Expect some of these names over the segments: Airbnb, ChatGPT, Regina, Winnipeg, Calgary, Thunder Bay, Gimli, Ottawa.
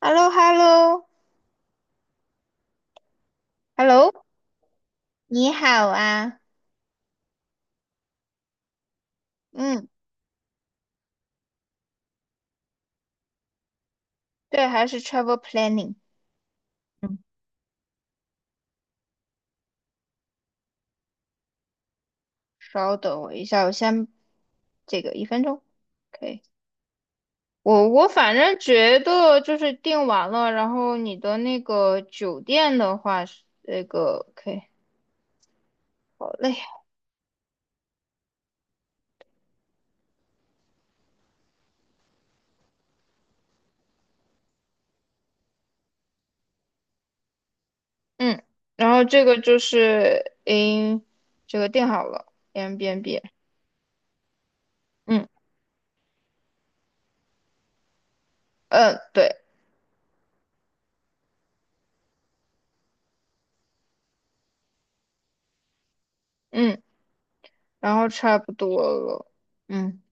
h e l l o h e l l o h e l l o 你好啊，嗯，对，还是 travel planning，嗯，稍等我一下，我先这个1分钟，OK，我反正觉得就是订完了，然后你的那个酒店的话是那个 OK，好嘞，嗯，然后这个就是 in 这个订好了，Airbnb，嗯嗯对，嗯，然后差不多了，嗯。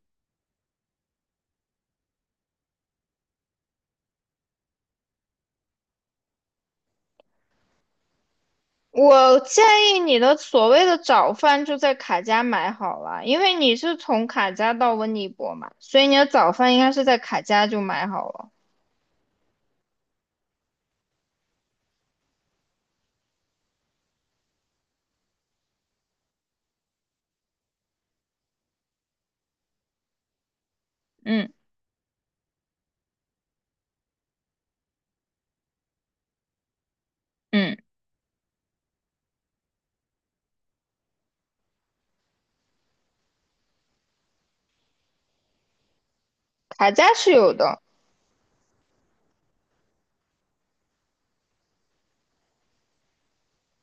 我建议你的所谓的早饭就在卡家买好了，因为你是从卡家到温尼伯嘛，所以你的早饭应该是在卡家就买好了。嗯嗯，卡家是有的，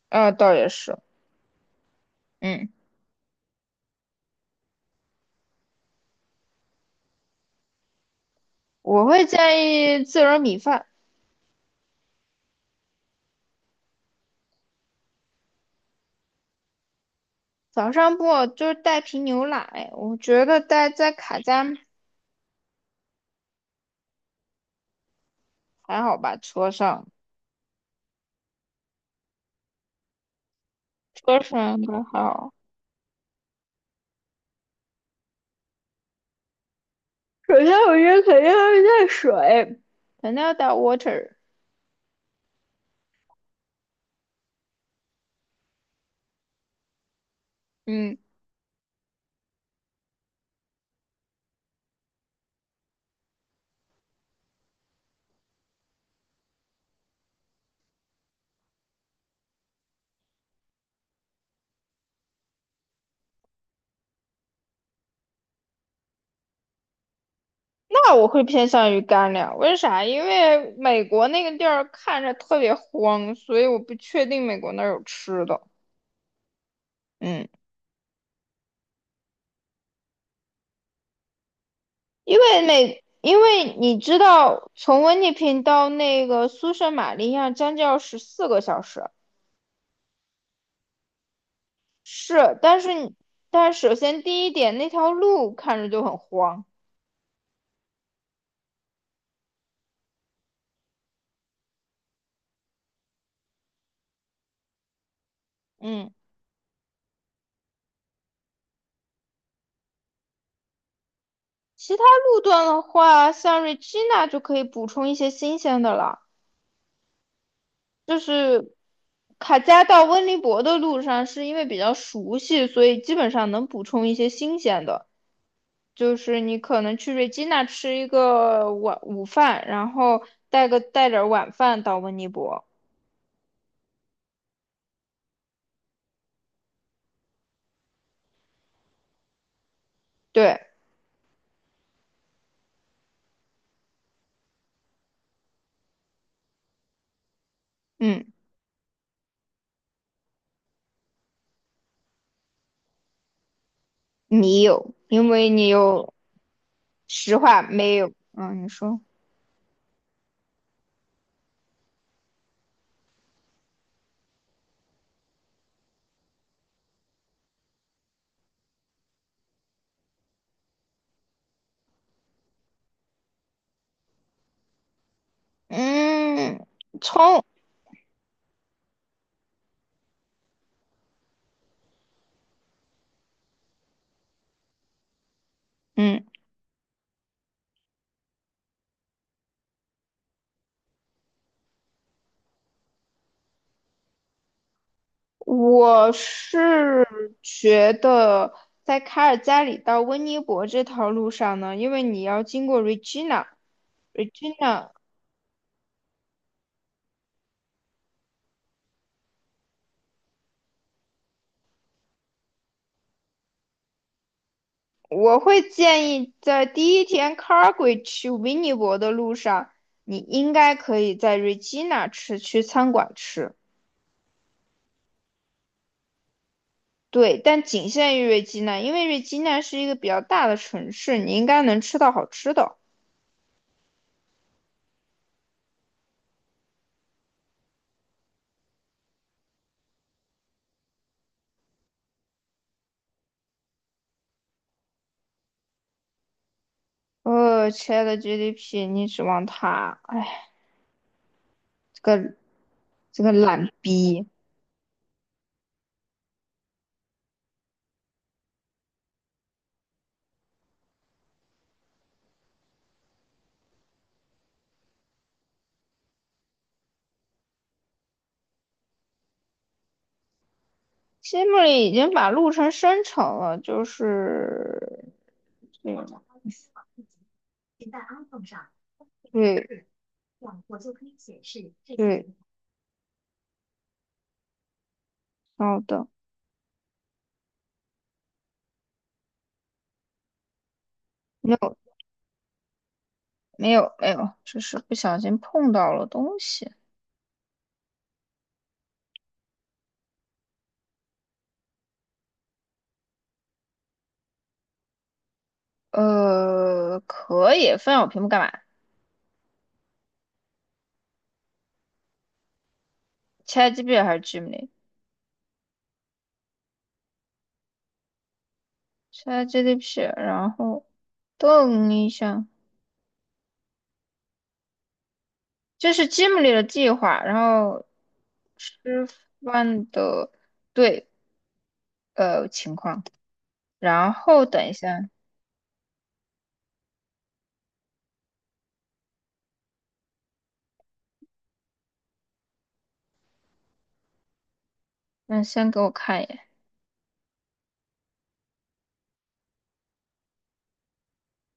倒也是，嗯，我会建议自热米饭，早上不就是带瓶牛奶，我觉得带在卡家还好吧，车上应该还好。首先，我觉得肯定要带水，肯定要带 water，嗯。那我会偏向于干粮，为啥？因为美国那个地儿看着特别荒，所以我不确定美国那儿有吃的。嗯，因为你知道，从温尼平到那个苏圣玛利亚将近要14个小时，是，但是你，但是首先第一点，那条路看着就很荒。嗯，其他路段的话，像瑞吉娜就可以补充一些新鲜的了。就是卡加到温尼伯的路上，是因为比较熟悉，所以基本上能补充一些新鲜的。就是你可能去瑞吉那吃一个晚午饭，然后带点儿晚饭到温尼伯。对，嗯，你有，因为你有实话没有，嗯，你说，嗯，葱，嗯。我是觉得在卡尔加里到温尼伯这条路上呢，因为你要经过 Regina，我会建议在第一天 Calgary 去温尼伯的路上，你应该可以在 Regina 去餐馆吃，对，但仅限于 Regina，因为 Regina 是一个比较大的城市，你应该能吃到好吃的。呃，亲爱的 GDP，你指望他？哎，这个懒逼。西木里已经把路程生成了，就是这对对，好的，没有没有没有，只是不小心碰到了东西。可以分享我屏幕干嘛？ChatGPT 还是 Gimli？ChatGPT，然后等一下，这是 Gimli 的计划，然后吃饭的对情况，然后等一下，那先给我看一眼。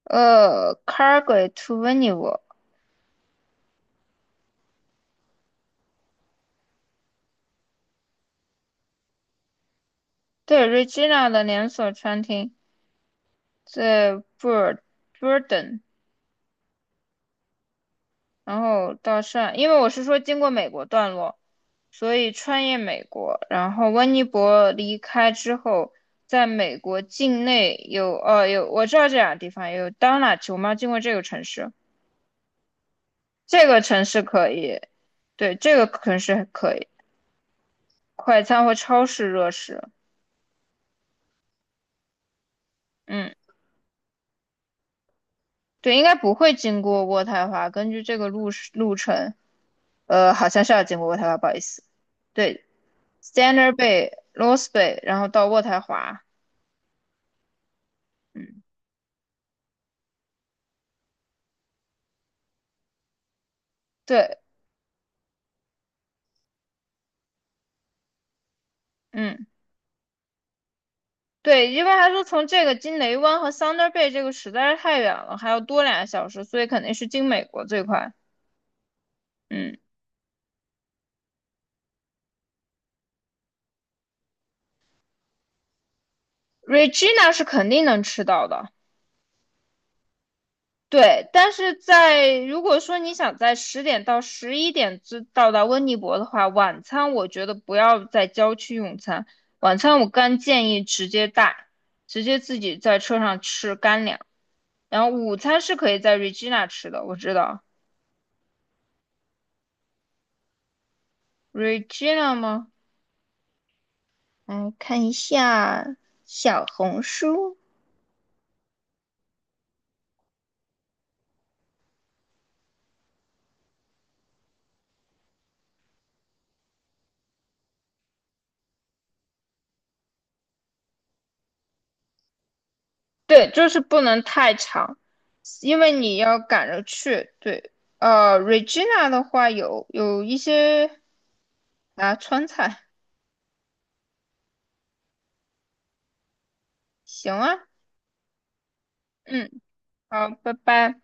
Cargo to Venice，对，Regina 的连锁餐厅在 Bur Burden，然后到上，因为我是说经过美国段落，所以穿越美国，然后温尼伯离开之后，在美国境内有我知道这两个地方有 Donut，我们要经过这个城市，这个城市可以，对，这个城市还可以，快餐和超市热食，嗯。对，应该不会经过渥太华。根据这个路程，好像是要经过渥太华，不好意思。对，Standard Bay、Lost Bay，然后到渥太华。嗯，对，嗯，对，因为他说从这个经雷湾和 Thunder Bay 这个实在是太远了，还要多2个小时，所以肯定是经美国最快。嗯，Regina 是肯定能吃到的。对，但是在如果说你想在10点到11点之到达温尼伯的话，晚餐我觉得不要在郊区用餐，晚餐我干建议直接带，直接自己在车上吃干粮。然后午餐是可以在 Regina 吃的，我知道 Regina 吗？嗯，看一下小红书。对，就是不能太长，因为你要赶着去。对，Regina 的话有一些。啊，川菜，行啊，嗯，好，拜拜。